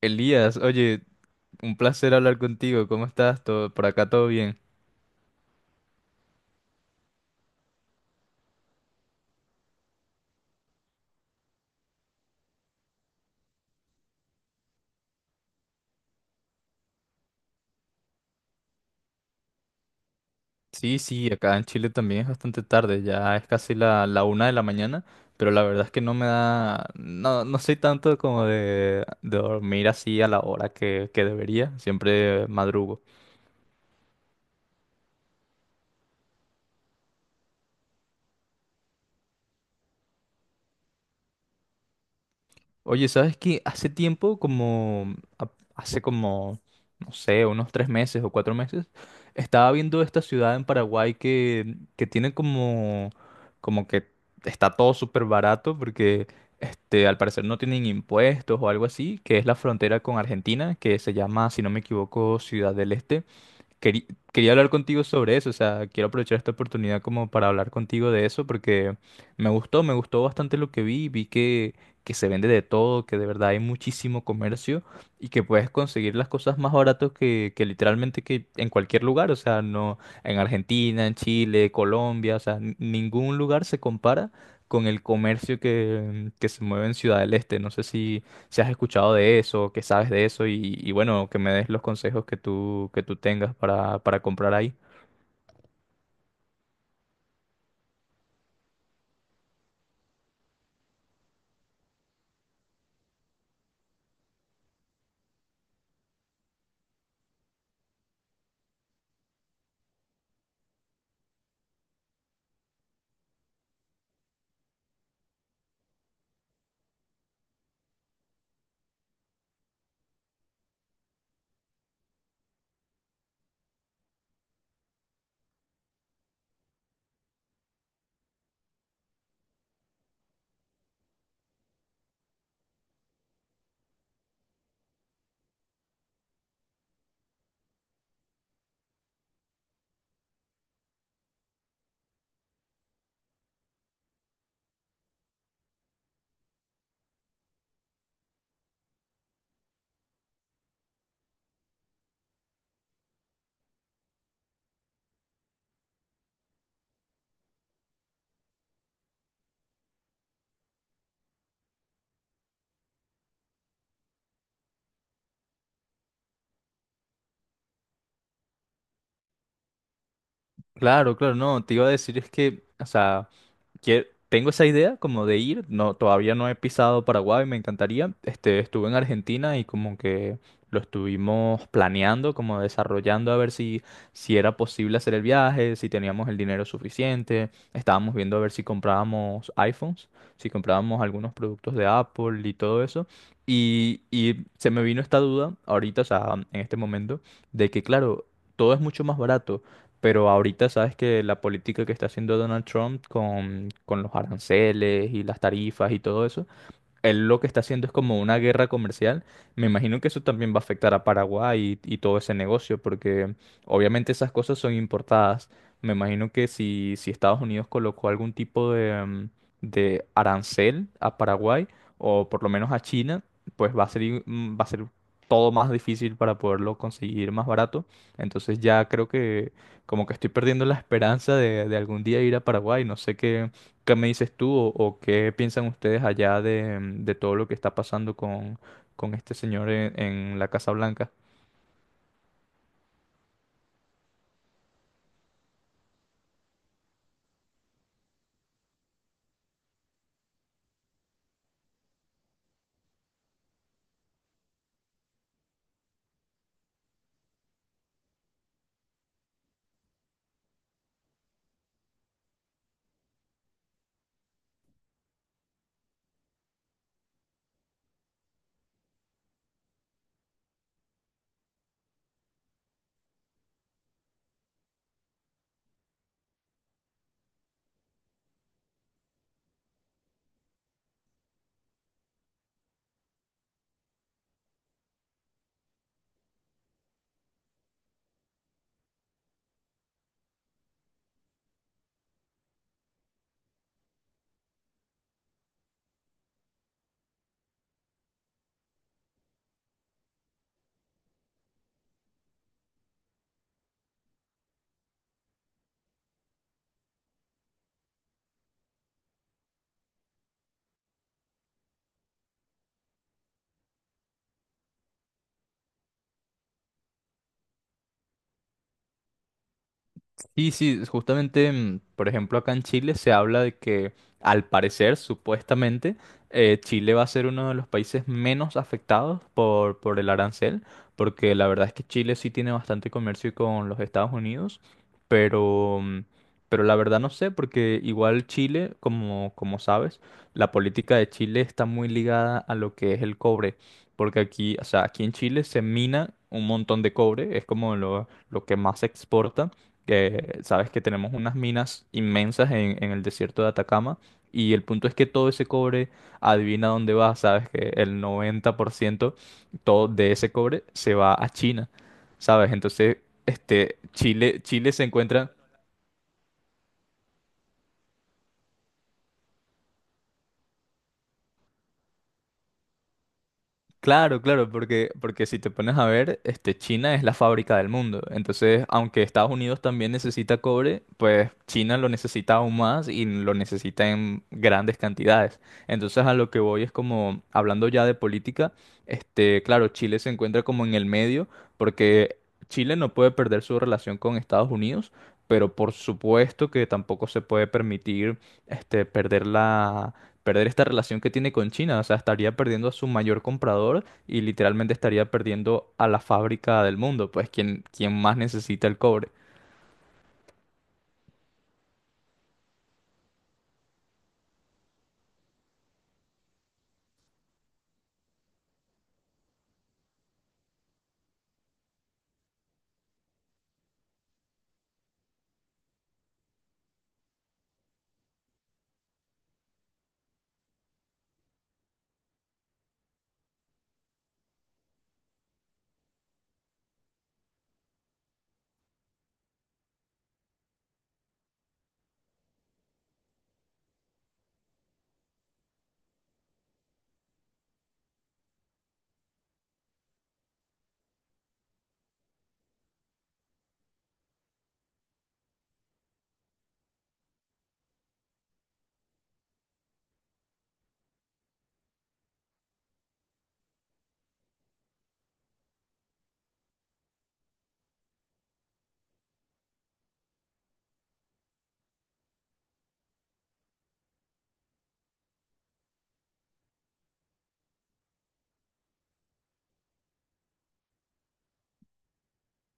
Elías, oye, un placer hablar contigo. ¿Cómo estás? ¿Todo, por acá todo bien? Sí, sí, acá en Chile también es bastante tarde, ya es casi la, 1 de la mañana, pero la verdad es que no me da, no, no soy tanto como de, dormir así a la hora que debería, siempre madrugo. Oye, ¿sabes qué? Hace tiempo, hace como, no sé, unos 3 meses o 4 meses, estaba viendo esta ciudad en Paraguay que tiene como que está todo súper barato porque al parecer no tienen impuestos o algo así, que es la frontera con Argentina, que se llama, si no me equivoco, Ciudad del Este. Queri- quería hablar contigo sobre eso, o sea, quiero aprovechar esta oportunidad como para hablar contigo de eso porque me gustó bastante lo que vi, que se vende de todo, que de verdad hay muchísimo comercio y que puedes conseguir las cosas más baratas que literalmente que en cualquier lugar, o sea, no en Argentina, en Chile, Colombia, o sea, ningún lugar se compara con el comercio que se mueve en Ciudad del Este. No sé si si has escuchado de eso, qué sabes de eso y bueno, que me des los consejos que tú tengas para comprar ahí. Claro, claro, no, te iba a decir es que, o sea, tengo esa idea como de ir, no, todavía no he pisado Paraguay, me encantaría. Estuve en Argentina y como que lo estuvimos planeando, como desarrollando a ver si era posible hacer el viaje, si teníamos el dinero suficiente. Estábamos viendo a ver si comprábamos iPhones, si comprábamos algunos productos de Apple y todo eso. Y se me vino esta duda ahorita, o sea, en este momento, de que claro, todo es mucho más barato. Pero ahorita sabes que la política que está haciendo Donald Trump con, los aranceles y las tarifas y todo eso, él lo que está haciendo es como una guerra comercial. Me imagino que eso también va a afectar a Paraguay y, todo ese negocio, porque obviamente esas cosas son importadas. Me imagino que si Estados Unidos colocó algún tipo de arancel a Paraguay, o por lo menos a China, pues va a ser todo más difícil para poderlo conseguir más barato. Entonces ya creo que como que estoy perdiendo la esperanza de, algún día ir a Paraguay. No sé qué. ¿Qué me dices tú o, qué piensan ustedes allá de todo lo que está pasando con, este señor en la Casa Blanca? Sí, sí, justamente, por ejemplo, acá en Chile se habla de que, al parecer, supuestamente, Chile va a ser uno de los países menos afectados por el arancel, porque la verdad es que Chile sí tiene bastante comercio con los Estados Unidos, pero, mm, pero la verdad no sé, porque igual Chile, como sabes, la política de Chile está muy ligada a lo que es el cobre, porque aquí, o sea, aquí en Chile se mina un montón de cobre, es como lo, que más se exporta, que sabes que tenemos unas minas inmensas en el desierto de Atacama, y el punto es que todo ese cobre, adivina dónde va, sabes que el 90% todo de ese cobre se va a China, ¿sabes? Entonces, Chile se encuentra... Claro, claro, porque si te pones a ver, China es la fábrica del mundo. Entonces, aunque Estados Unidos también necesita cobre, pues China lo necesita aún más y lo necesita en grandes cantidades. Entonces, a lo que voy es como, hablando ya de política, claro, Chile se encuentra como en el medio, porque Chile no puede perder su relación con Estados Unidos, pero por supuesto que tampoco se puede permitir, este, perder la perder esta relación que tiene con China. O sea, estaría perdiendo a su mayor comprador y literalmente estaría perdiendo a la fábrica del mundo, pues quien más necesita el cobre.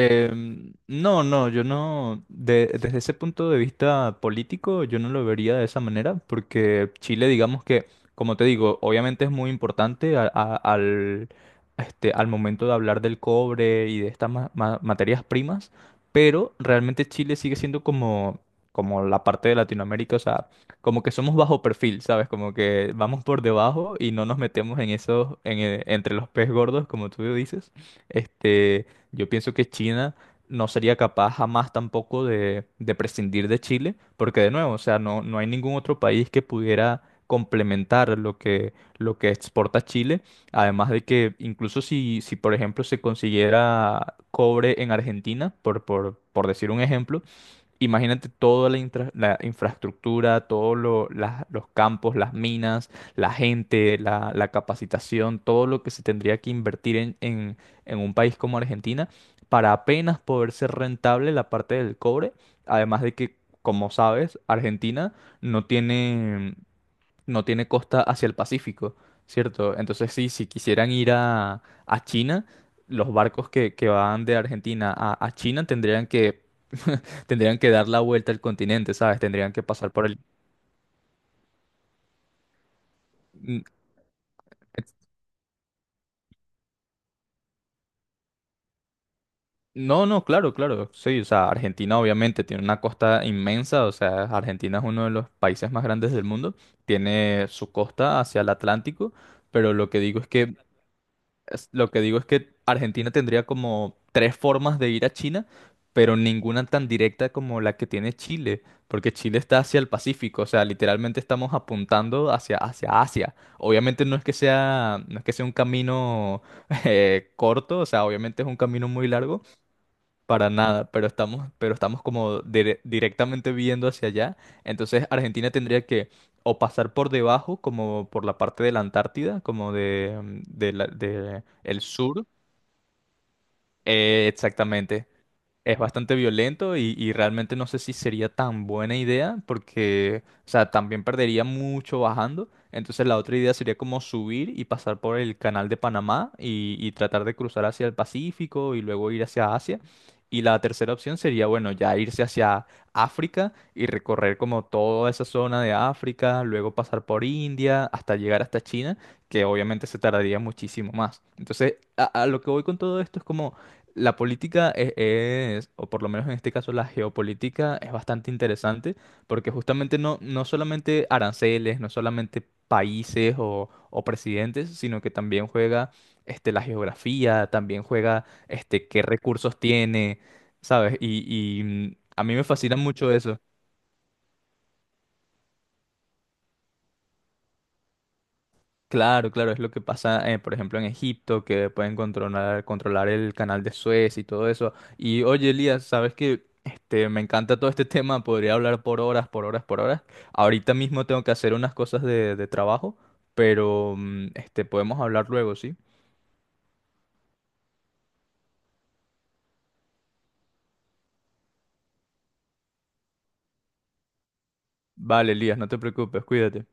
No, no, yo no, desde ese punto de vista político, yo no lo vería de esa manera, porque Chile, digamos que, como te digo, obviamente es muy importante al momento de hablar del cobre y de estas materias primas, pero realmente Chile sigue siendo como la parte de Latinoamérica, o sea, como que somos bajo perfil, ¿sabes? Como que vamos por debajo y no nos metemos entre los pez gordos, como tú dices. Este... Yo pienso que China no sería capaz jamás tampoco de prescindir de Chile, porque de nuevo, o sea, no, no hay ningún otro país que pudiera complementar lo que, exporta Chile, además de que incluso si por ejemplo se consiguiera cobre en Argentina, por decir un ejemplo, imagínate toda la infraestructura, todos los campos, las minas, la gente, la capacitación, todo lo que se tendría que invertir en, en un país como Argentina para apenas poder ser rentable la parte del cobre. Además de que, como sabes, Argentina no tiene, no tiene costa hacia el Pacífico, ¿cierto? Entonces, sí, si quisieran ir a, China, los barcos que van de Argentina a China tendrían que tendrían que dar la vuelta al continente, ¿sabes? Tendrían que pasar por el... Mm, es- No, no, claro, claro, sí, o sea, Argentina obviamente tiene una costa inmensa, o sea, Argentina es uno de los países más grandes del mundo, tiene su costa hacia el Atlántico, pero lo que digo es que es- lo que digo es que Argentina tendría como tres formas de ir a China, pero ninguna tan directa como la que tiene Chile, porque Chile está hacia el Pacífico, o sea, literalmente estamos apuntando hacia Asia. Obviamente no es que sea un camino corto, o sea, obviamente es un camino muy largo, para nada, pero estamos como directamente viendo hacia allá. Entonces Argentina tendría que o pasar por debajo, como por la parte de la Antártida, como de, mm, de la- de el sur. Exactamente. Es bastante violento y, realmente no sé si sería tan buena idea porque, o sea, también perdería mucho bajando. Entonces la otra idea sería como subir y pasar por el canal de Panamá y tratar de cruzar hacia el Pacífico y luego ir hacia Asia. Y la tercera opción sería, bueno, ya irse hacia África y recorrer como toda esa zona de África, luego pasar por India hasta llegar hasta China, que obviamente se tardaría muchísimo más. Entonces, a lo que voy con todo esto es como... La política es, o por lo menos en este caso la geopolítica, es bastante interesante porque justamente no, no solamente aranceles, no solamente países o, presidentes, sino que también juega la geografía, también juega qué recursos tiene, ¿sabes? A mí me fascina mucho eso. Claro, claro, es lo que pasa, por ejemplo, en Egipto, que pueden controlar el canal de Suez y todo eso. Y oye, Elías, sabes que me encanta todo este tema, podría hablar por horas, por horas, por horas. Ahorita mismo tengo que hacer unas cosas de trabajo, pero podemos hablar luego, ¿sí? Vale, Elías, no te preocupes, cuídate.